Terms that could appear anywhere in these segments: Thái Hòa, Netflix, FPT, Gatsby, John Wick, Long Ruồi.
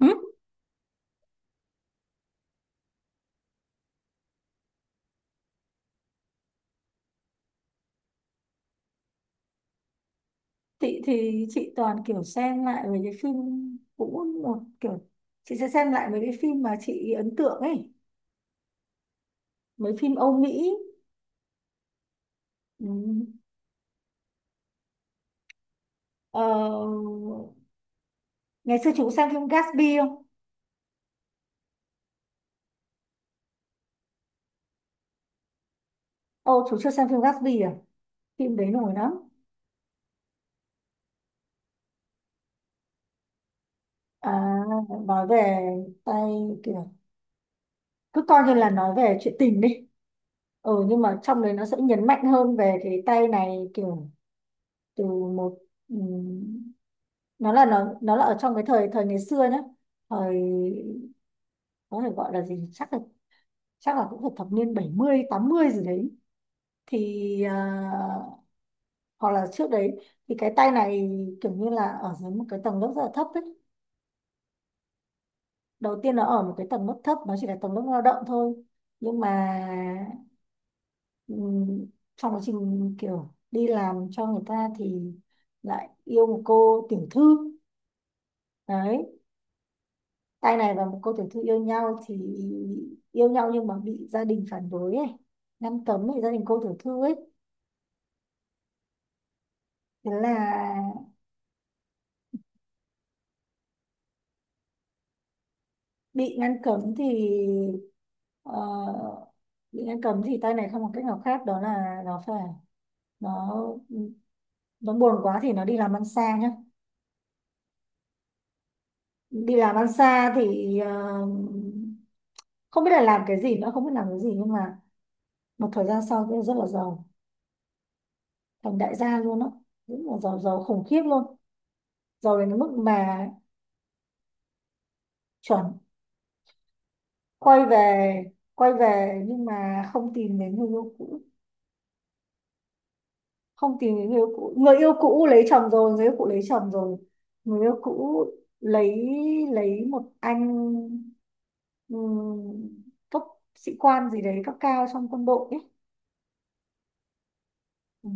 Ừ. Chị thì chị toàn kiểu xem lại về cái phim cũ một kiểu, chị sẽ xem lại mấy cái phim mà chị ấn tượng ấy, mấy phim Âu Mỹ. Ừ. ờ, Ngày xưa chị cũng xem phim Gatsby không? Ồ, chú chưa xem phim Gatsby à? Phim đấy nổi lắm. À, nói về tay, kiểu cứ coi như là nói về chuyện tình đi. Ừ, nhưng mà trong đấy nó sẽ nhấn mạnh hơn về cái tay này, kiểu từ một ừ, nó là nó là ở trong cái thời thời ngày xưa nhá. Thời có thể gọi là gì, chắc là cũng phải thập niên 70 80 gì đấy. Thì hoặc là trước đấy thì cái tay này kiểu như là ở dưới một cái tầng lớp rất là thấp ấy. Đầu tiên nó ở một cái tầng lớp thấp, nó chỉ là tầng lớp lao động thôi, nhưng mà ừm, trong quá trình kiểu đi làm cho người ta thì lại yêu một cô tiểu thư. Đấy, anh này và một cô tiểu thư yêu nhau, thì yêu nhau nhưng mà bị gia đình phản đối ấy, ngăn cấm ấy, gia đình cô tiểu thư ấy. Thế là bị ngăn cấm thì ờ, bị ngăn cấm thì tay này không có cách nào khác, đó là nó nó buồn quá thì nó đi làm ăn xa nhá. Đi làm ăn xa thì không biết là làm cái gì nữa, không biết làm cái gì, nhưng mà một thời gian sau thì rất là giàu, thành đại gia luôn á, rất là giàu, giàu khủng khiếp luôn. Giàu đến cái mức mà chuẩn. Quay về, nhưng mà không tìm đến người yêu cũ, không tìm đến người yêu cũ. Người yêu cũ lấy chồng rồi, người yêu cũ lấy chồng rồi. Người yêu cũ lấy lấy một anh ừm, cấp sĩ quan gì đấy, cấp cao trong quân đội ấy. Ừ.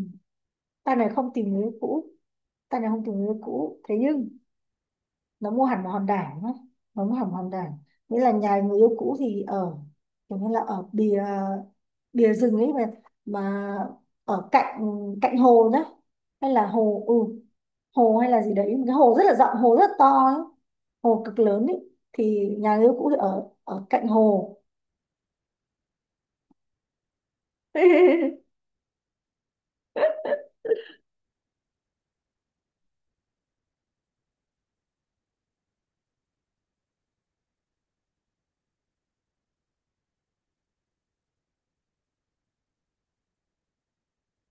Ta này không tìm người yêu cũ, ta này không tìm người yêu cũ thế nhưng nó mua hẳn một hòn đảo ấy. Nó mua hẳn một hòn đảo, nghĩa là nhà người yêu cũ thì ở kiểu như là ở bìa bìa rừng ấy, mà ở cạnh cạnh hồ nhá, hay là hồ, hồ hay là gì đấy, một cái hồ rất là rộng, hồ rất là to ấy, hồ cực lớn ấy. Thì nhà người yêu cũ thì ở ở cạnh hồ.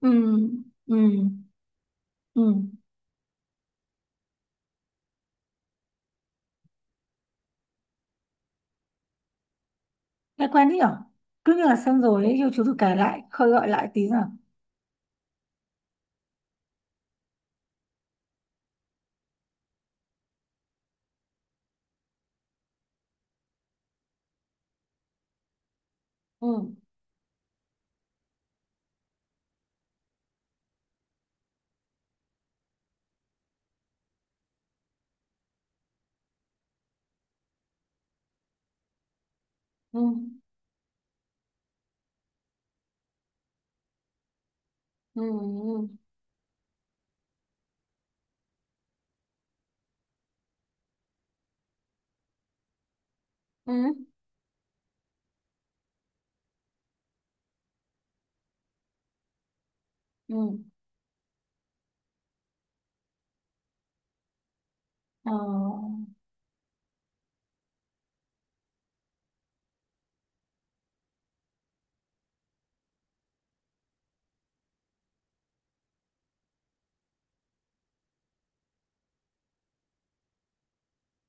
Ừ. Ừ. Ừ. Nghe quen nhỉ, cứ như là xem rồi ấy, yêu chú thử kể lại khơi gọi lại tí nào. Ừ. Ừ. Ừ. Ừ. Ừ. Ừ. Ờ.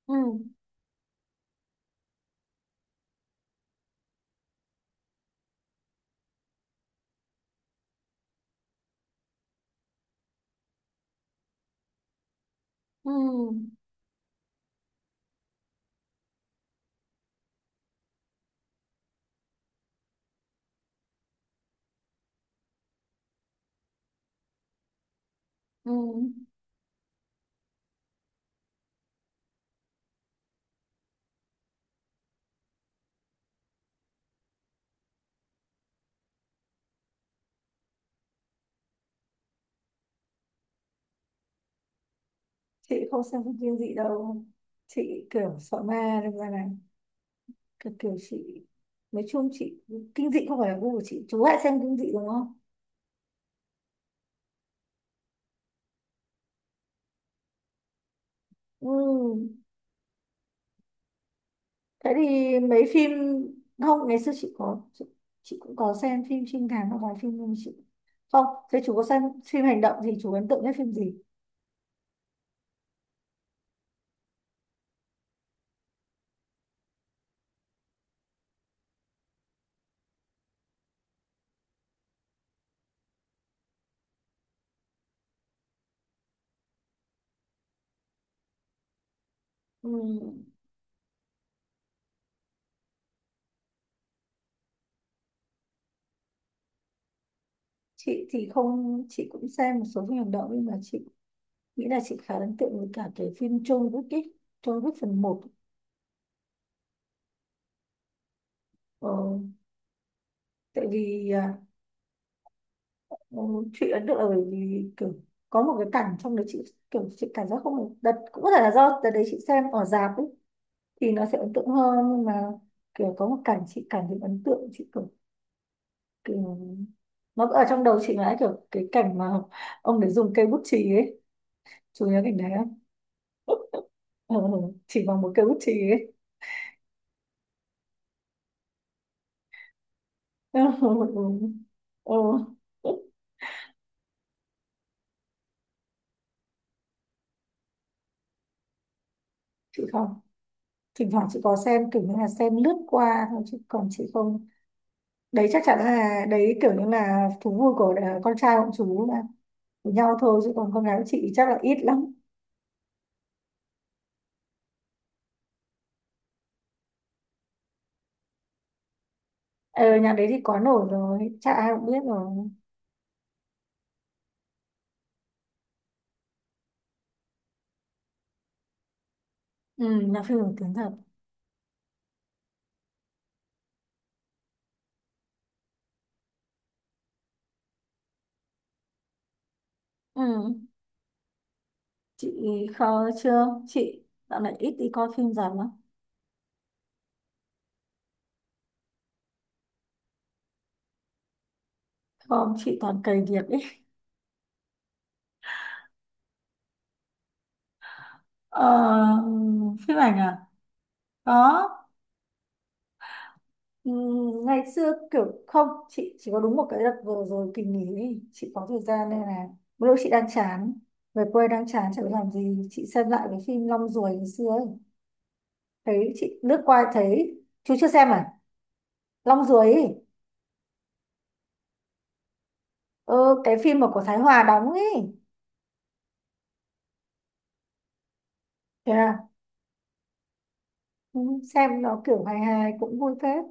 Ừ. Ừ. Ừ. Chị không xem phim kinh dị đâu. Chị kiểu sợ ma nên ra là kiểu chị, nói chung chị, kinh dị không phải là gu của chị. Chú lại xem kinh dị đúng không? Ừ. Thế thì mấy phim, không, ngày xưa chị có chị cũng có xem phim trinh thám và vài phim, nhưng mà chị không. Thế chú có xem phim hành động thì chú ấn tượng nhất phim gì? Ừ. Chị thì không, chị cũng xem một số phim hành động nhưng mà chị nghĩ là chị khá ấn tượng với cả cái phim John Wick ấy. John Wick phần một. ờ, Tại vì Ừ, chị ấn tượng là bởi vì kiểu có một cái cảnh trong đấy chị kiểu, chị cảm giác không, đợt cũng có thể là do đợt đấy chị xem ở rạp ấy thì nó sẽ ấn tượng hơn, nhưng mà kiểu có một cảnh chị cảm thấy ấn tượng, chị kiểu, kiểu nó ở trong đầu chị mãi, kiểu cái cảnh mà ông đấy dùng cây bút chì ấy. Chú nhớ cảnh đấy không? Ừ, chỉ bằng một cây bút chì ấy. Ừ. Ừ. Chị không. Thỉnh thoảng chị có xem kiểu như là xem lướt qua thôi, chứ còn chị không. Đấy chắc chắn là đấy kiểu như là thú vui của con trai, bọn chú là của nhau thôi, chứ còn con gái của chị chắc là ít lắm. Ờ Nhà đấy thì quá nổi rồi, chắc ai cũng biết rồi. Ừ, là phim nổi tiếng thật. Ừ. Chị khó chưa chị, dạo này ít đi coi phim rạp lắm. Không, chị toàn cày việc ấy. ờ, Phim ảnh à, có. Ừ, ngày xưa kiểu không, chị chỉ có đúng một cái đợt vừa rồi kỳ nghỉ ấy, chị có thời gian nên là mỗi lúc chị đang chán, về quê đang chán chẳng biết làm gì, chị xem lại cái phim Long Ruồi ngày xưa ấy. Thấy chị lướt qua thấy chú chưa xem à? Long Ruồi ấy. ờ, cái phim mà của Thái Hòa đóng ấy. Thế à. Ừ, xem nó kiểu hài hài cũng vui phết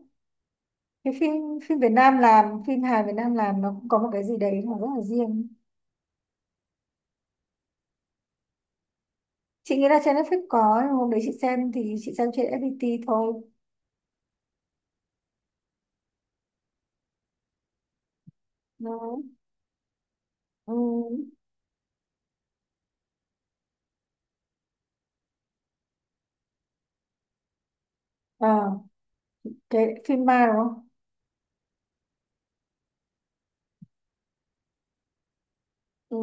cái phim, phim Việt Nam làm, phim hài Việt Nam làm, nó cũng có một cái gì đấy mà rất là riêng. Chị nghĩ là trên Netflix có, nhưng hôm đấy chị xem thì chị xem trên FPT thôi. Đó. Ừ. À, cái phim ma đúng không? Ừ.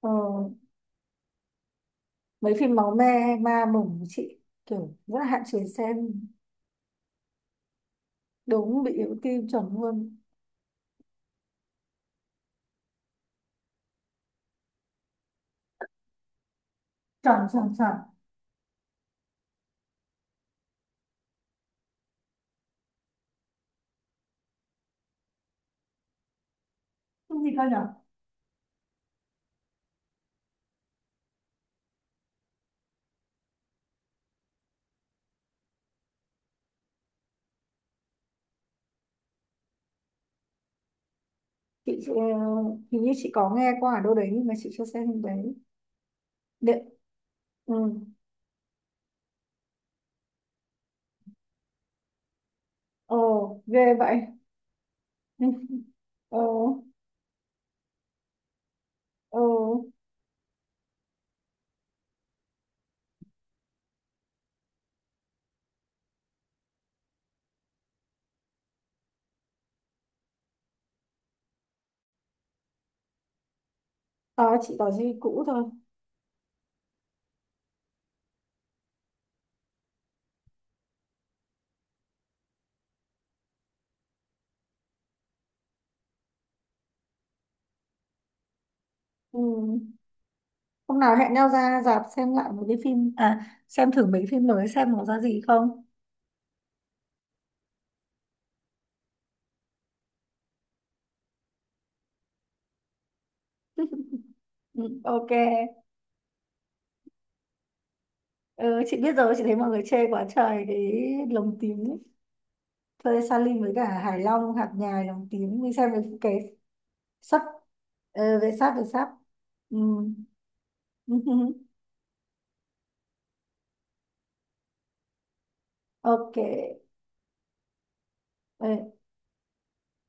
Ờ, Mấy phim máu me ma mủng của chị kiểu rất là hạn chế xem. Đúng, bị yếu tim chuẩn luôn. Chuẩn chuẩn chuẩn. Cái gì cơ nhở? Chị hình như chị có nghe qua ở đâu đấy nhưng mà chị chưa xem phim đấy. Điện. Ừ. ờ Ghê vậy. Ừ. Ờ. Ờ. Ờ. Chị có gì cũ thôi. Ừ. Hôm nào hẹn nhau ra rạp xem lại một cái phim, à xem thử mấy phim mới xem nó ra gì không. Ừ. Ok. Ừ, chị biết rồi, chị thấy mọi người chê quá trời cái lồng tím ấy. Thuê Sa với cả Hải Long, hạt nhài lồng tím. Mình xem được cái sắp, ờ, về sắp, về sắp. Ừ. Ok. Ừ.